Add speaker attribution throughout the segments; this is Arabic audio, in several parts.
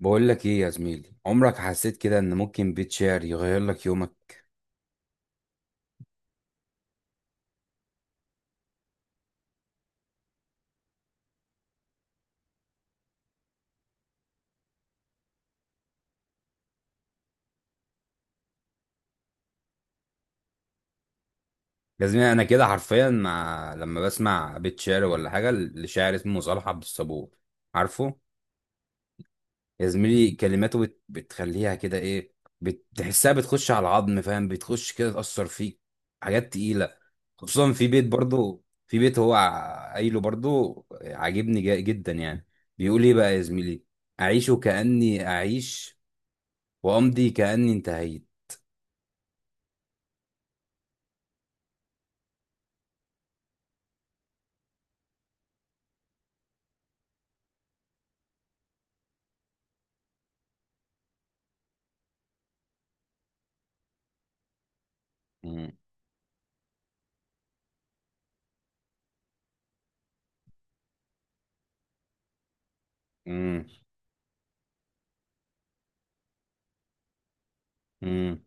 Speaker 1: بقول لك ايه يا زميلي، عمرك حسيت كده ان ممكن بيت شعر يغير لك يومك؟ يا زميلي انا كده حرفيا مع لما بسمع بيت شعر ولا حاجه لشاعر اسمه صالح عبد الصبور. عارفه؟ يا زميلي كلماته بتخليها كده ايه، بتحسها بتخش على العظم، فاهم؟ بتخش كده تأثر فيك. حاجات تقيله. خصوصا في بيت، برضو في بيت هو قايله برضو، عاجبني جدا يعني. بيقول ايه بقى يا زميلي؟ اعيش كأني اعيش، وامضي كأني انتهيت. امم. امم.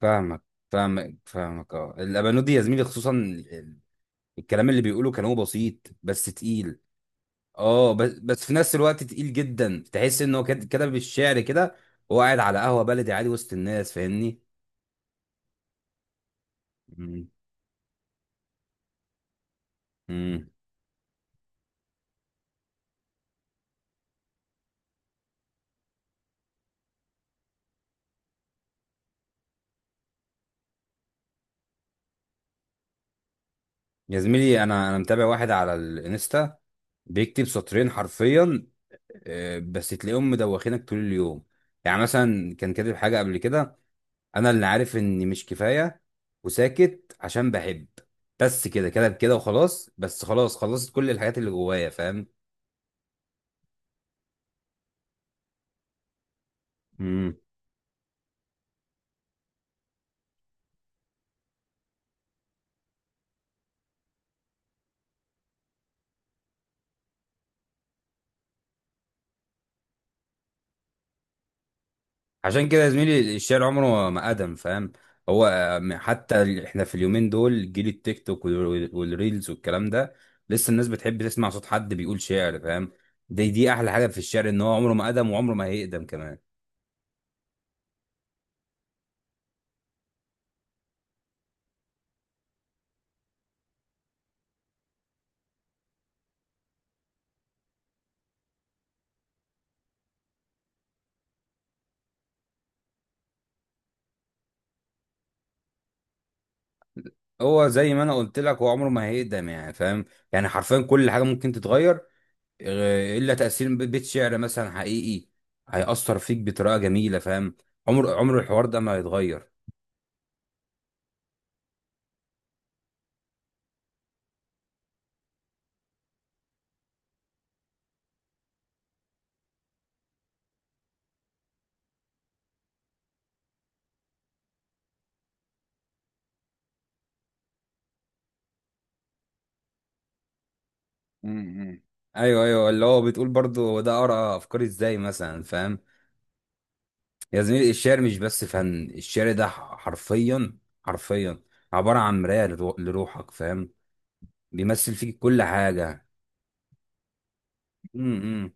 Speaker 1: فاهمك، فاهمك فاهمك. اه الابانود دي يا زميلي، خصوصا الكلام اللي بيقوله، كلامه بسيط بس تقيل. اه، بس بس في نفس الوقت تقيل جدا. تحس انه كتب الشعر كده وهو قاعد على قهوه بلدي عادي وسط الناس، فاهمني؟ امم. امم. يا زميلي انا متابع واحد على الانستا بيكتب سطرين حرفيا، بس تلاقيهم مدوخينك طول اليوم. يعني مثلا كان كاتب حاجه قبل كده: انا اللي عارف اني مش كفايه وساكت عشان بحب، بس كده كده كده وخلاص، بس خلاص خلصت كل الحاجات اللي جوايا، فاهم؟ امم. عشان كده يا زميلي الشعر عمره ما ادم، فاهم؟ هو حتى احنا في اليومين دول جيل التيك توك والريلز والكلام ده، لسه الناس بتحب تسمع صوت حد بيقول شعر، فاهم؟ دي دي احلى حاجه في الشعر، ان هو عمره ما ادم وعمره ما هيقدم كمان. هو زي ما انا قلت لك، هو عمره ما هيقدم يعني، فاهم؟ يعني حرفيا كل حاجه ممكن تتغير، الا تاثير بيت شعر مثلا حقيقي، هيأثر فيك بطريقه جميله، فاهم؟ عمر الحوار ده ما هيتغير. امم. ايوه ايوه اللي هو بتقول برضو هو ده، اقرا افكاري ازاي مثلا، فاهم؟ يا زميلي الشعر مش بس فن، الشعر ده حرفيا، حرفيا عباره عن مرايه لروحك، فاهم؟ بيمثل فيك كل حاجه. امم.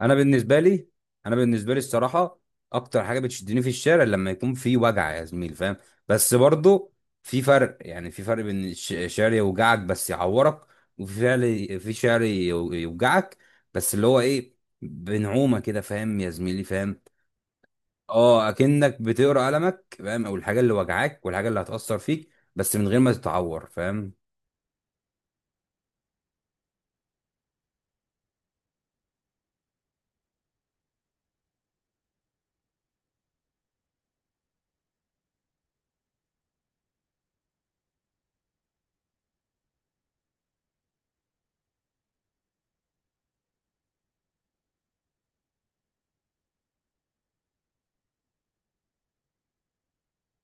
Speaker 1: انا بالنسبه لي، انا بالنسبه لي الصراحه اكتر حاجه بتشدني في الشارع لما يكون في وجع يا زميل، فاهم؟ بس برضو في فرق، يعني في فرق بين شعر يوجعك بس يعورك، وفي فعل في شعر يوجعك بس اللي هو ايه بنعومه كده، فاهم يا زميلي؟ فاهم؟ اه، اكنك بتقرا قلمك، فاهم؟ او الحاجه اللي وجعاك والحاجه اللي هتاثر فيك بس من غير ما تتعور، فاهم؟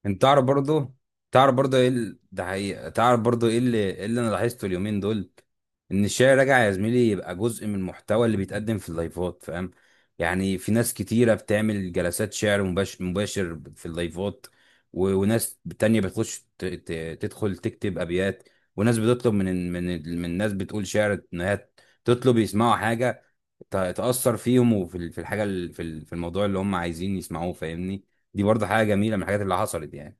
Speaker 1: انت تعرف برضو، تعرف برضو ايه ده حقيقة. تعرف برضو ايه اللي، إيه اللي انا لاحظته اليومين دول؟ ان الشعر راجع يا زميلي، يبقى جزء من المحتوى اللي بيتقدم في اللايفات، فاهم؟ يعني في ناس كتيرة بتعمل جلسات شعر مباشر في اللايفات، وناس تانية تدخل تكتب ابيات، وناس بتطلب من ناس بتقول شعر ان هي تطلب يسمعوا حاجة تأثر فيهم، وفي في في في الموضوع اللي هم عايزين يسمعوه، فاهمني؟ دي برضه حاجة جميلة من الحاجات اللي حصلت يعني.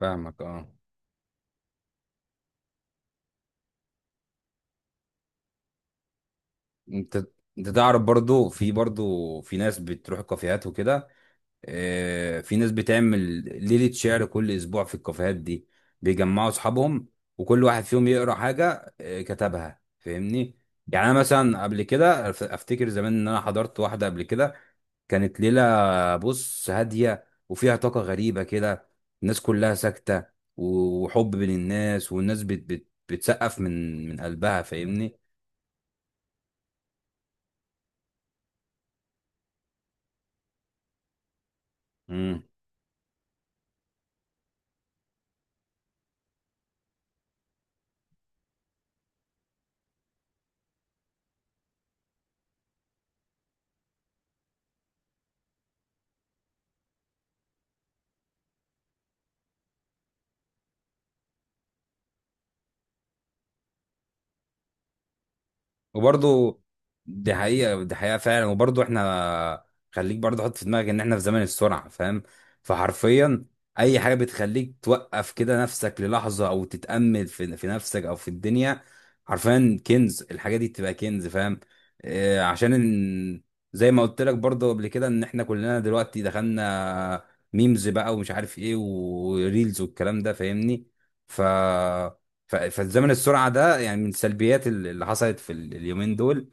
Speaker 1: فاهمك اه. انت، انت تعرف برضو، في برضو في ناس بتروح الكافيهات وكده. اه في ناس بتعمل ليلة شعر كل اسبوع في الكافيهات دي، بيجمعوا اصحابهم وكل واحد فيهم يقرا حاجة اه كتبها، فاهمني؟ يعني انا مثلا قبل كده افتكر زمان ان انا حضرت واحدة قبل كده، كانت ليلة، بص هادية وفيها طاقة غريبة كده، الناس كلها ساكتة وحب بين الناس، والناس بت بت بتسقف من قلبها، فاهمني؟ وبرضه دي حقيقة، دي حقيقة فعلا. وبرضه احنا، خليك برضه حط في دماغك ان احنا في زمن السرعة، فاهم؟ فحرفيا اي حاجة بتخليك توقف كده نفسك للحظة او تتأمل في نفسك او في الدنيا، حرفيا كنز، الحاجة دي بتبقى كنز، فاهم؟ اه عشان ان، زي ما قلت لك برضه قبل كده ان احنا كلنا دلوقتي دخلنا ميمز بقى ومش عارف ايه وريلز والكلام ده، فاهمني؟ ف فالزمن السرعه ده يعني من سلبيات اللي حصلت في اليومين دول،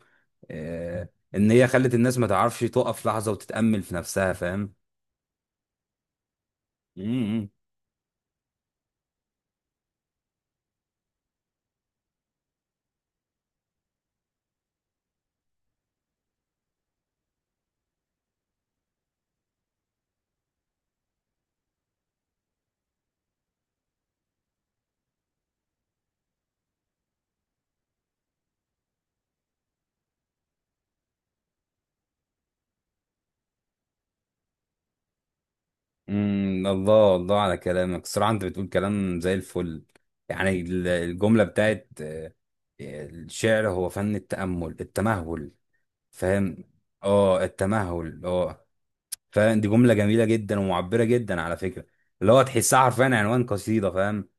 Speaker 1: آه، ان هي خلت الناس ما تعرفش تقف لحظه وتتامل في نفسها، فاهم؟ امم. الله الله على كلامك، الصراحه انت بتقول كلام زي الفل. يعني الجمله بتاعت الشعر هو فن التامل، التمهل، فاهم؟ اه التمهل اه، فاهم؟ دي جمله جميله جدا ومعبره جدا على فكره، اللي هو تحسها حرفيا عنوان قصيده، فاهم؟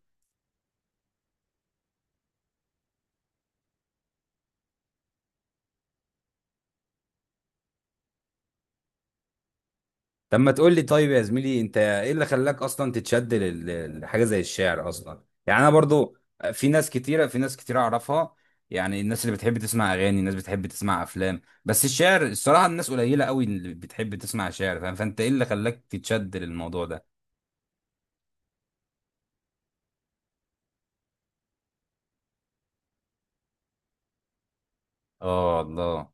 Speaker 1: طب ما تقول لي طيب يا زميلي، انت ايه اللي خلاك اصلا تتشد لحاجه زي الشعر اصلا؟ يعني انا برضو في ناس كتيره، في ناس كتيره اعرفها يعني، الناس اللي بتحب تسمع اغاني، الناس بتحب تسمع افلام، بس الشعر الصراحه الناس قليله قوي اللي بتحب تسمع شعر، فاهم؟ فانت ايه اللي خلاك تتشد للموضوع ده؟ اه الله.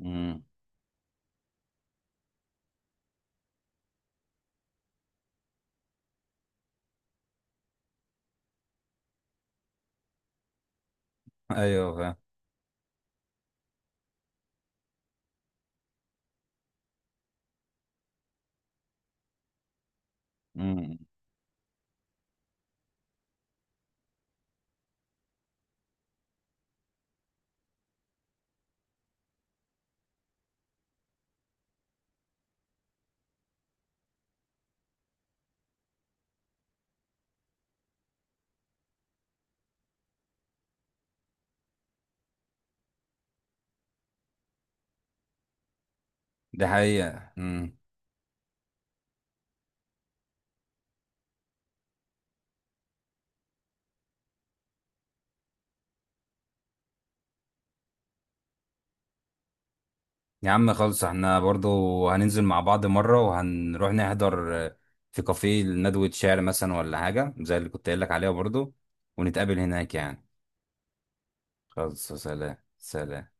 Speaker 1: امم. ايوه فاهم. امم. ده حقيقه. يا عم خلص احنا برضو هننزل مع بعض مرة وهنروح نحضر في كافيه ندوة شعر مثلا ولا حاجة زي اللي كنت قايل لك عليها برضو، ونتقابل هناك يعني. خلص، سلام سلام.